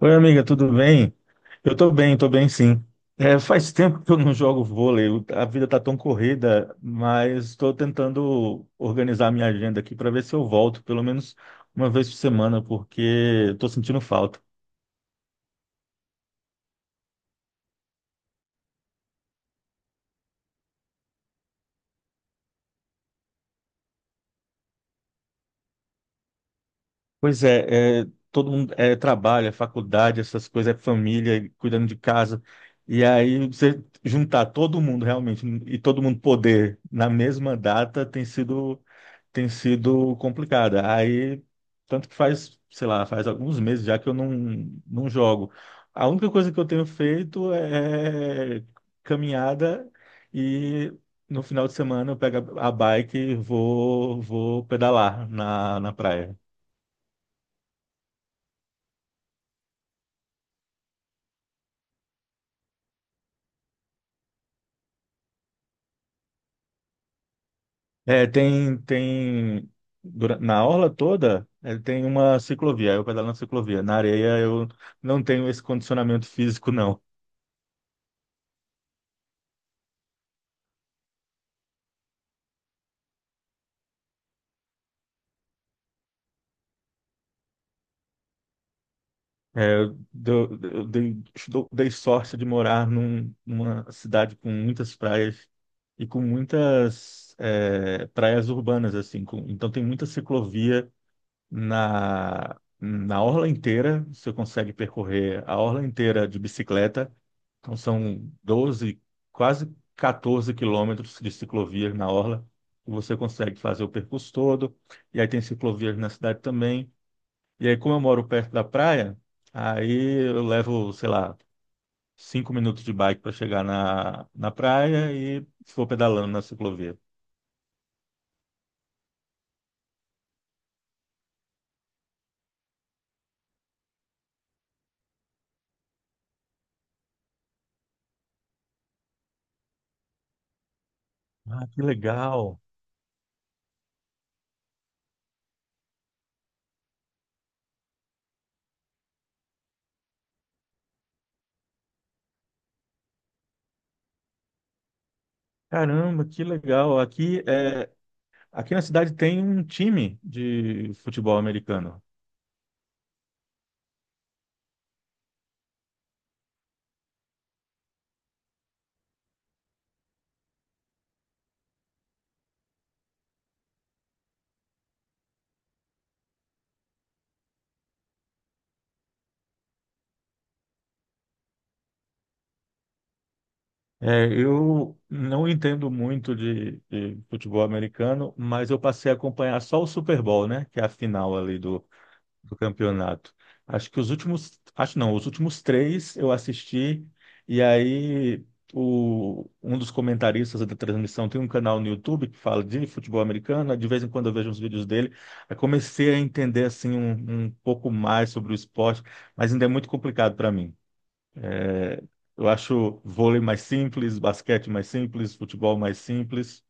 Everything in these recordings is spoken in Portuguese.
Oi, amiga, tudo bem? Eu tô bem sim. É, faz tempo que eu não jogo vôlei, a vida tá tão corrida, mas estou tentando organizar minha agenda aqui para ver se eu volto pelo menos uma vez por semana, porque estou sentindo falta. Pois é, todo mundo é trabalho, é faculdade, essas coisas, é família, cuidando de casa. E aí você juntar todo mundo realmente e todo mundo poder na mesma data tem sido complicada. Aí, tanto que faz, sei lá, faz alguns meses já que eu não, não jogo. A única coisa que eu tenho feito é caminhada e no final de semana eu pego a bike e vou pedalar na praia. É, na orla toda, é, tem uma ciclovia, eu pedalo na ciclovia. Na areia eu não tenho esse condicionamento físico, não. É, eu, dou- eu dei, dou- dei sorte de morar numa cidade com muitas praias e com muitas praias urbanas, assim. Então tem muita ciclovia na orla inteira, você consegue percorrer a orla inteira de bicicleta. Então são 12, quase 14 quilômetros de ciclovias na orla. E você consegue fazer o percurso todo. E aí tem ciclovias na cidade também. E aí, como eu moro perto da praia, aí eu levo, sei lá, 5 minutos de bike para chegar na praia e vou pedalando na ciclovia. Ah, que legal! Caramba, que legal! Aqui, é, aqui na cidade tem um time de futebol americano. É, eu não entendo muito de futebol americano, mas eu passei a acompanhar só o Super Bowl, né? Que é a final ali do campeonato. Acho que os últimos, acho não, os últimos três eu assisti, e aí um dos comentaristas da transmissão tem um canal no YouTube que fala de futebol americano, de vez em quando eu vejo uns vídeos dele, aí comecei a entender assim um pouco mais sobre o esporte, mas ainda é muito complicado para mim. É, eu acho vôlei mais simples, basquete mais simples, futebol mais simples.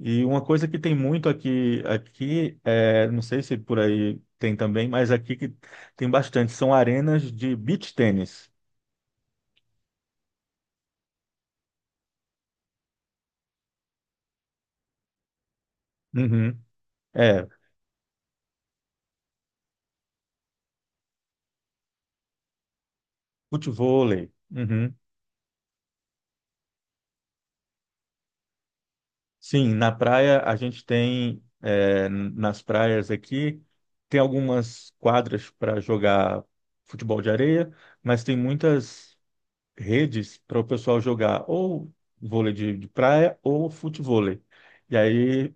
E uma coisa que tem muito aqui, aqui é, não sei se por aí tem também, mas aqui que tem bastante, são arenas de beach tênis. Uhum. É, futevôlei. Uhum. Sim, na praia a gente tem, é, nas praias aqui, tem algumas quadras para jogar futebol de areia, mas tem muitas redes para o pessoal jogar ou vôlei de praia ou futevôlei. E aí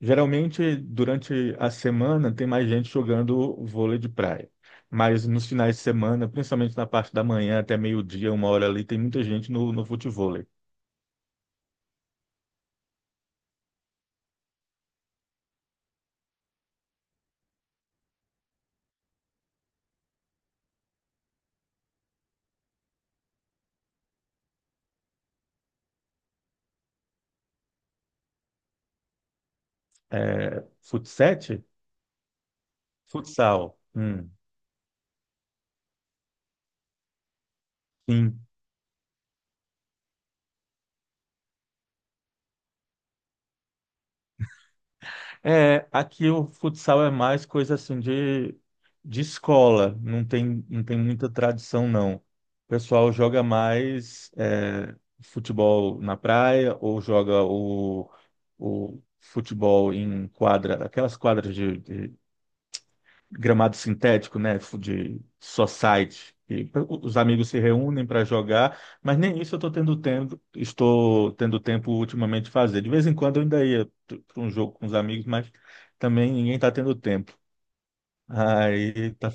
geralmente, durante a semana, tem mais gente jogando vôlei de praia. Mas nos finais de semana, principalmente na parte da manhã até meio-dia, uma hora ali, tem muita gente no futevôlei. É, futsete? Futsal. Sim. É, aqui o futsal é mais coisa assim de escola, não tem muita tradição, não. O pessoal joga mais é, futebol na praia ou joga o futebol em quadra, aquelas quadras gramado sintético, né, de society. E os amigos se reúnem para jogar, mas nem isso eu estou tendo tempo ultimamente de fazer. De vez em quando eu ainda ia para um jogo com os amigos, mas também ninguém está tendo tempo. Aí tá.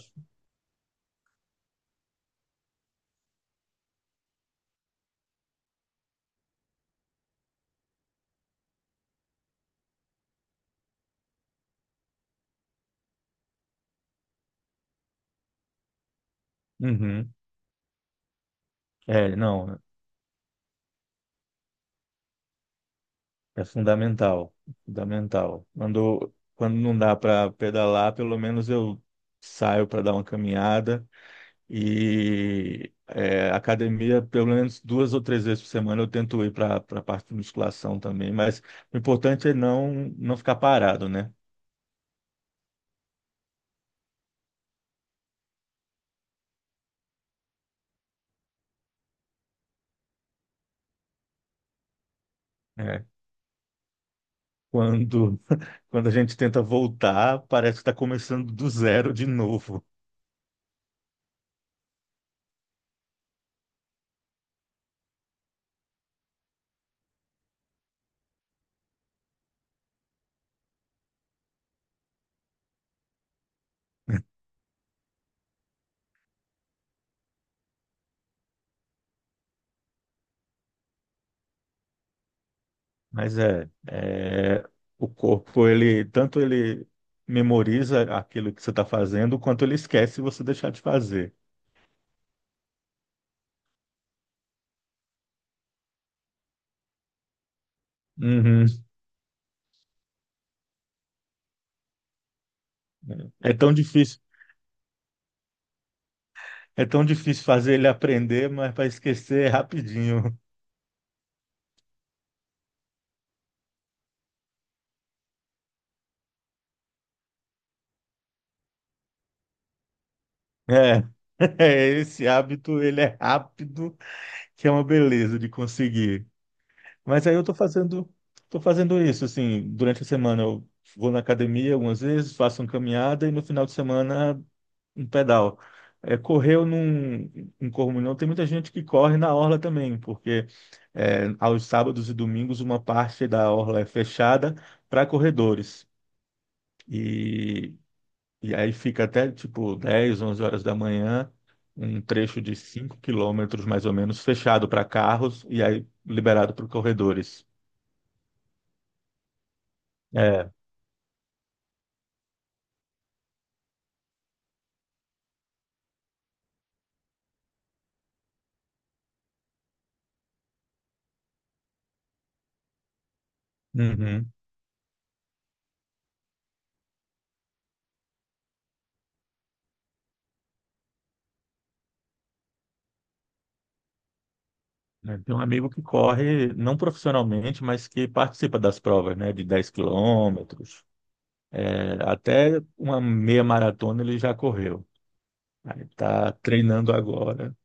Uhum. É, não, é fundamental, fundamental. Quando não dá para pedalar, pelo menos eu saio para dar uma caminhada. E é, academia, pelo menos duas ou três vezes por semana, eu tento ir para a parte de musculação também, mas o importante é não ficar parado, né? É, quando, quando a gente tenta voltar, parece que está começando do zero de novo. Mas o corpo, ele tanto ele memoriza aquilo que você está fazendo, quanto ele esquece se você deixar de fazer. Uhum. É tão difícil, é tão difícil fazer ele aprender, mas para esquecer é rapidinho. É, esse hábito, ele é rápido, que é uma beleza de conseguir. Mas aí tô fazendo isso, assim, durante a semana eu vou na academia algumas vezes, faço uma caminhada e no final de semana um pedal. É, correr eu não, não corro muito, não. Tem muita gente que corre na orla também, porque é, aos sábados e domingos uma parte da orla é fechada para corredores. E e aí fica até tipo 10, 11 horas da manhã, um trecho de 5 quilômetros mais ou menos, fechado para carros e aí liberado para corredores. É. Uhum. É, tem um amigo que corre, não profissionalmente, mas que participa das provas, né, de 10 quilômetros. É, até uma meia maratona ele já correu. Aí tá treinando agora.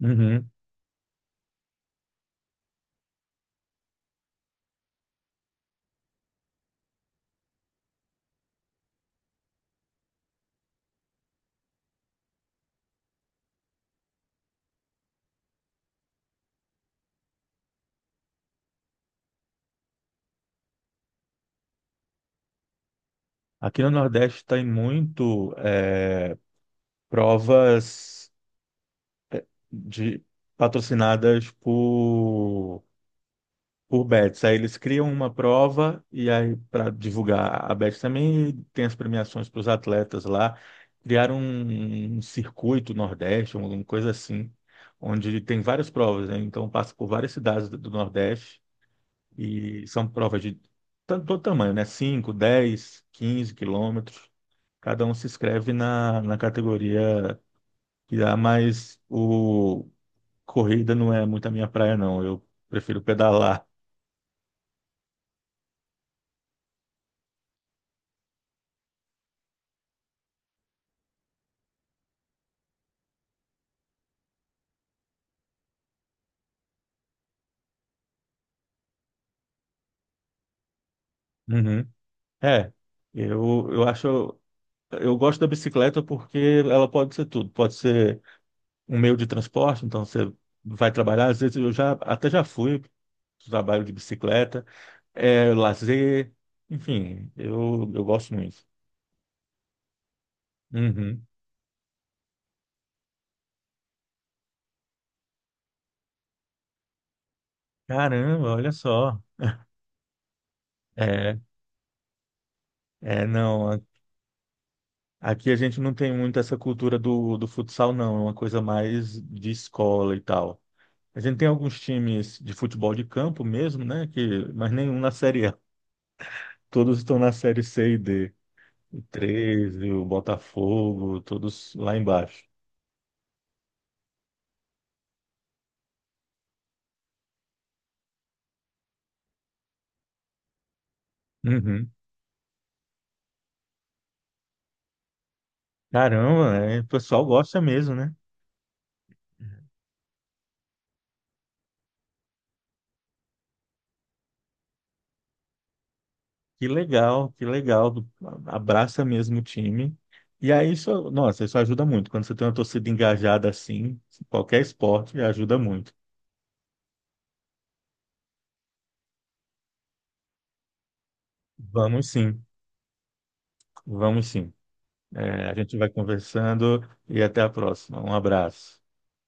Uhum. Aqui no Nordeste tem muito é, provas. De patrocinadas por bets. Aí eles criam uma prova e aí para divulgar a bet também tem as premiações para os atletas lá. Criaram um circuito Nordeste, um, alguma coisa assim, onde tem várias provas, né? Então passa por várias cidades do Nordeste e são provas de tanto todo tamanho, né? 5, 10, 15 quilômetros. Cada um se inscreve na categoria que dá mais o, corrida não é muito a minha praia, não. Eu prefiro pedalar. Uhum. É, eu acho. Eu gosto da bicicleta porque ela pode ser tudo. Pode ser um meio de transporte, então você vai trabalhar. Às vezes eu já fui pro trabalho de bicicleta, é lazer, enfim, eu gosto muito. Uhum. Caramba, olha só. É, não. Aqui a gente não tem muito essa cultura do futsal, não. É uma coisa mais de escola e tal. A gente tem alguns times de futebol de campo mesmo, né? Que, mas nenhum na Série A. Todos estão na Série C e D. O 13, o Botafogo, todos lá embaixo. Uhum. Caramba, né? O pessoal gosta mesmo, né? Que legal, que legal. Abraça mesmo o time. E aí, isso, nossa, isso ajuda muito. Quando você tem uma torcida engajada assim, qualquer esporte ajuda muito. Vamos sim, vamos sim. É, a gente vai conversando e até a próxima. Um abraço.